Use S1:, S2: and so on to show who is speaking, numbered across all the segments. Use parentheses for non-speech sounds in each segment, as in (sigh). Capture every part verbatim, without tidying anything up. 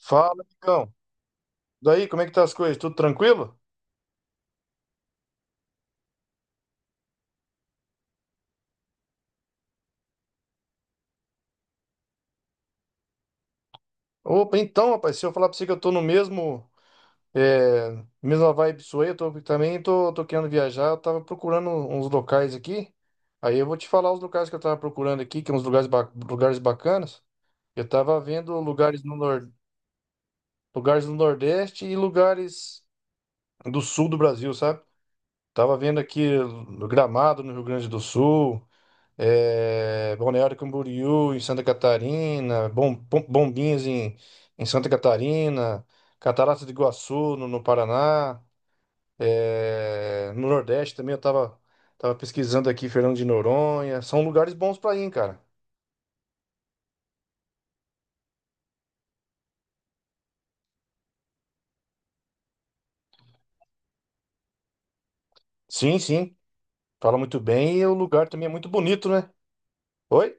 S1: Fala, amigão. Daí, como é que tá as coisas? Tudo tranquilo? Opa, então, rapaz, se eu falar pra você que eu tô no mesmo, é, mesma vibe sua aí, eu tô, também tô, tô querendo viajar, eu tava procurando uns locais aqui, aí eu vou te falar os locais que eu tava procurando aqui, que é uns lugares, ba- lugares bacanas. Eu tava vendo lugares no nor, lugares no Nordeste e lugares do Sul do Brasil, sabe? Tava vendo aqui no Gramado, no Rio Grande do Sul, é, Balneário Camboriú em Santa Catarina, Bom, Bom- Bombinhas em, em Santa Catarina, Cataratas do Iguaçu no, no Paraná, é, no Nordeste também eu tava, tava pesquisando aqui Fernando de Noronha, são lugares bons pra ir, cara. Sim, sim, fala muito bem e o lugar também é muito bonito, né? Oi?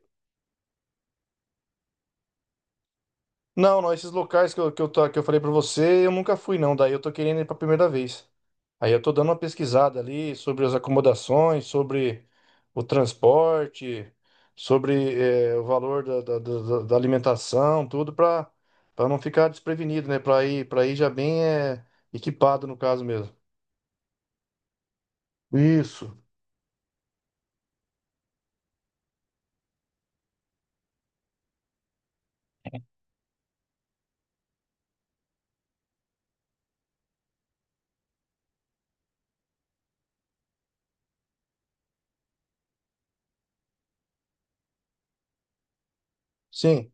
S1: Não, não, esses locais que eu, que eu, tô- que eu falei pra você, eu nunca fui, não. Daí eu tô querendo ir pra primeira vez. Aí eu tô dando uma pesquisada ali sobre as acomodações, sobre o transporte, sobre eh, o valor da, da, da- da da alimentação, tudo pra para não ficar desprevenido, né? Pra ir, para ir já bem eh, equipado no caso mesmo. Isso. Sim.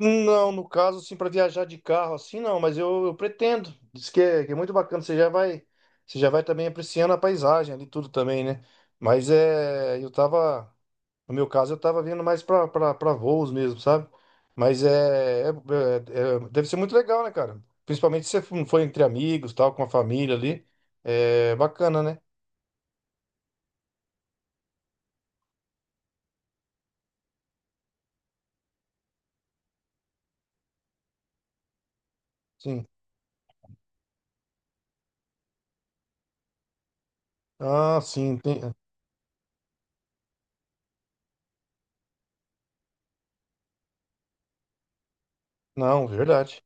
S1: Não, no caso, assim, para viajar de carro, assim, não, mas eu, eu pretendo. Diz que é, que é muito bacana, você já vai, você já vai também apreciando a paisagem ali, tudo também, né? Mas é, eu tava, no meu caso, eu tava vindo mais pra, pra, pra voos mesmo, sabe? Mas é, é, é- é- deve ser muito legal, né, cara? Principalmente se você for for entre amigos, tal, com a família ali, é bacana, né? Sim. Ah, sim, tem- não, verdade,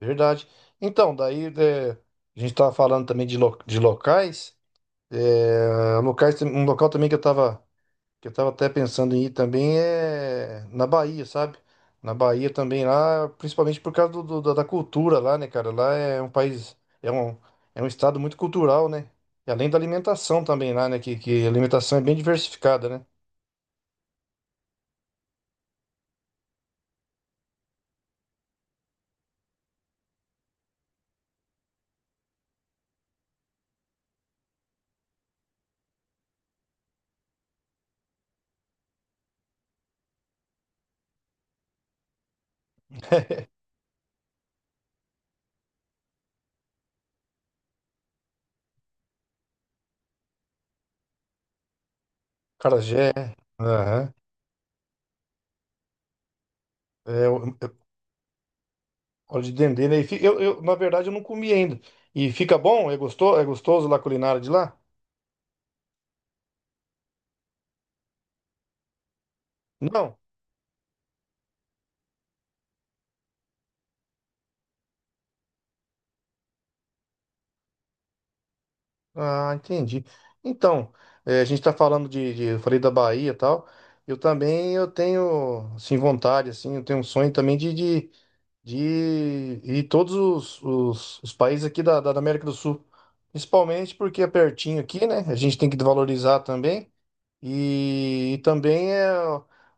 S1: verdade. Então, daí, é, a gente tava falando também de, lo- de locais. É, um local, um local também que eu tava, que eu tava até pensando em ir também é na Bahia, sabe? Na Bahia também lá, principalmente por causa do, do- da da cultura lá, né, cara? Lá é um país, é um, é um estado muito cultural, né? E além da alimentação também lá, né? Que, que a alimentação é bem diversificada, né? (laughs) Carajé, aham. É, o- é, óleo de dendê, né? E fi- Eu, eu, na verdade, eu não comi ainda. E fica bom? É gostoso? É gostoso lá a culinária de lá? Não? Ah, entendi. Então, eh, a gente tá falando de, de- eu falei da Bahia e tal. Eu também eu tenho assim vontade assim, eu tenho um sonho também de de, de ir em todos os, os, os países aqui da, da da América do Sul, principalmente porque é pertinho aqui, né? A gente tem que valorizar também. E, e também é,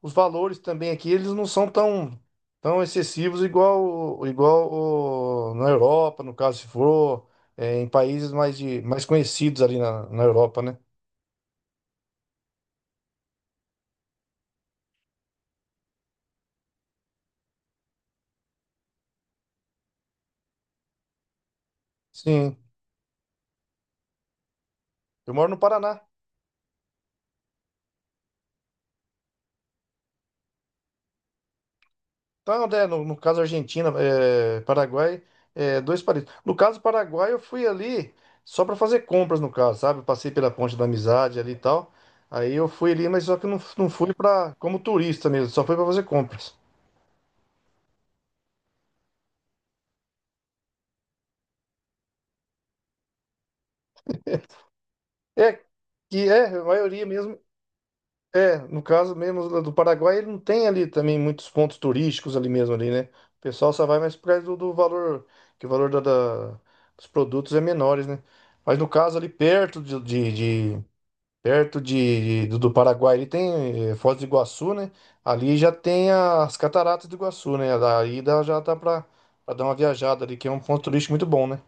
S1: os valores também aqui, eles não são tão, tão excessivos igual, igual o- na Europa, no caso, se for é, em países mais, de, mais conhecidos ali na, na Europa, né? Sim, eu moro no Paraná. Então, né, no, no caso Argentina, é, Paraguai, é, dois países. No caso Paraguai, eu fui ali só para fazer compras, no caso, sabe? Eu passei pela Ponte da Amizade ali e tal. Aí eu fui ali, mas só que eu não, não fui para como turista mesmo, só fui para fazer compras. É, que é, a maioria mesmo, é, no caso mesmo lá do Paraguai, ele não tem ali também muitos pontos turísticos ali mesmo ali, né? O pessoal só vai mais por causa do, do valor, que o valor da, da- dos produtos é menores, né? Mas no caso ali perto de, de- de- perto de, do, do Paraguai, ele tem eh, Foz do Iguaçu, né? Ali já tem as cataratas do Iguaçu, né? Daí dá, já dá pra, pra dar uma viajada ali, que é um ponto turístico muito bom, né?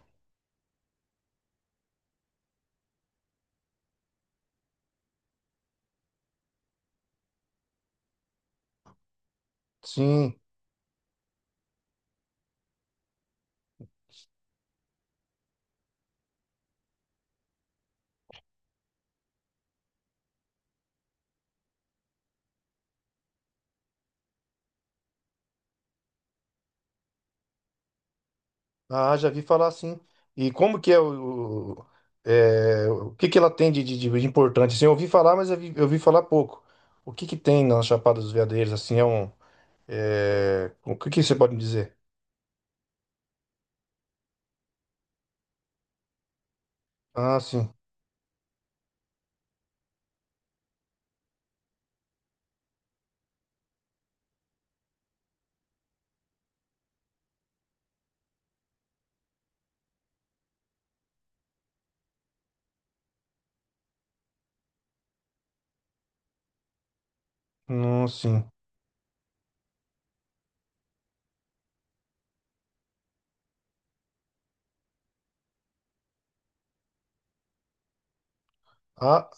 S1: Sim. Ah, já vi falar assim. E como que é o, o- é, o que que ela tem de, de- de importante? Assim, eu ouvi falar, mas eu vi, eu ouvi falar pouco. O que que tem na Chapada dos Veadeiros? Assim, é um, é, o que que você pode me dizer? Ah, sim. Não, sim. Ah,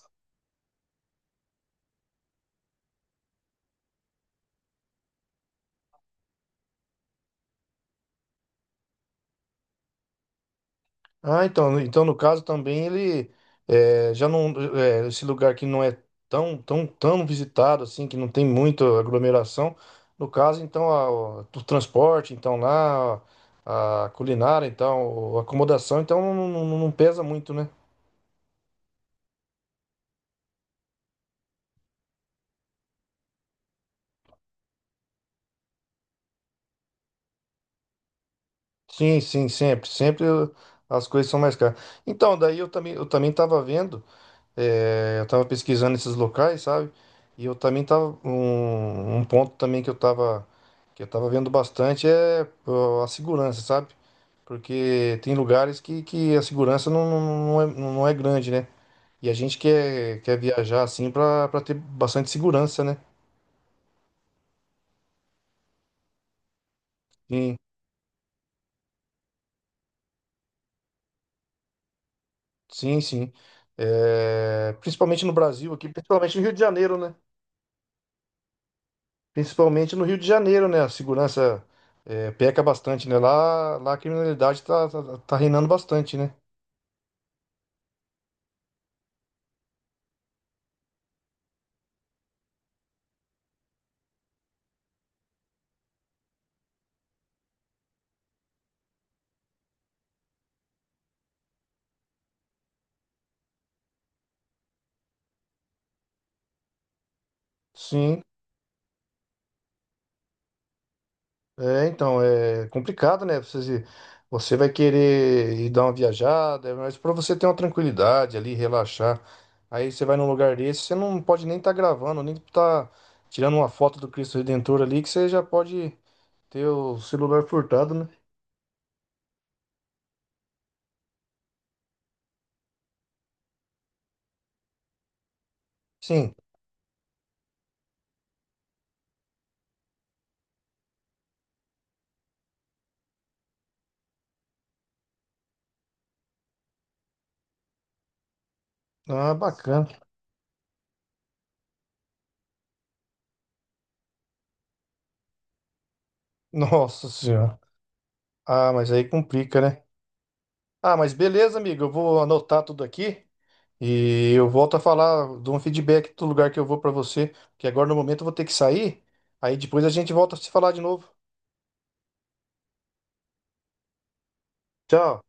S1: Ah, então, então no caso também ele eh, já não eh, esse lugar que não é tão tão tão visitado assim que não tem muita aglomeração. No caso então a- o o transporte então lá a culinária então a acomodação então não, não- não- não pesa muito, né? Sim, sim, sempre, sempre as coisas são mais caras. Então daí eu também eu também estava vendo. É, eu tava pesquisando esses locais, sabe? E eu também tava um, um ponto também que eu tava que eu tava vendo bastante é ó, a segurança, sabe? Porque tem lugares que, que a segurança não, não, não é, não é grande, né? E a gente quer, quer viajar assim pra para ter bastante segurança, né? Sim, sim, sim. É, principalmente no Brasil aqui, principalmente no Rio de Janeiro, né? Principalmente no Rio de Janeiro, né? A segurança eh, peca bastante, né? Lá, lá a criminalidade tá, tá, tá reinando bastante, né? Sim. É, então, é complicado, né? Você, você vai querer ir dar uma viajada, mas para você ter uma tranquilidade ali, relaxar. Aí você vai num lugar desse, você não pode nem estar gravando, nem estar tirando uma foto do Cristo Redentor ali, que você já pode ter o celular furtado, né? Sim. Ah, bacana. Nossa Senhora. Ah, mas aí complica, né? Ah, mas beleza, amigo. Eu vou anotar tudo aqui e eu volto a falar de um feedback do lugar que eu vou para você, porque agora no momento eu vou ter que sair. Aí depois a gente volta a se falar de novo. Tchau.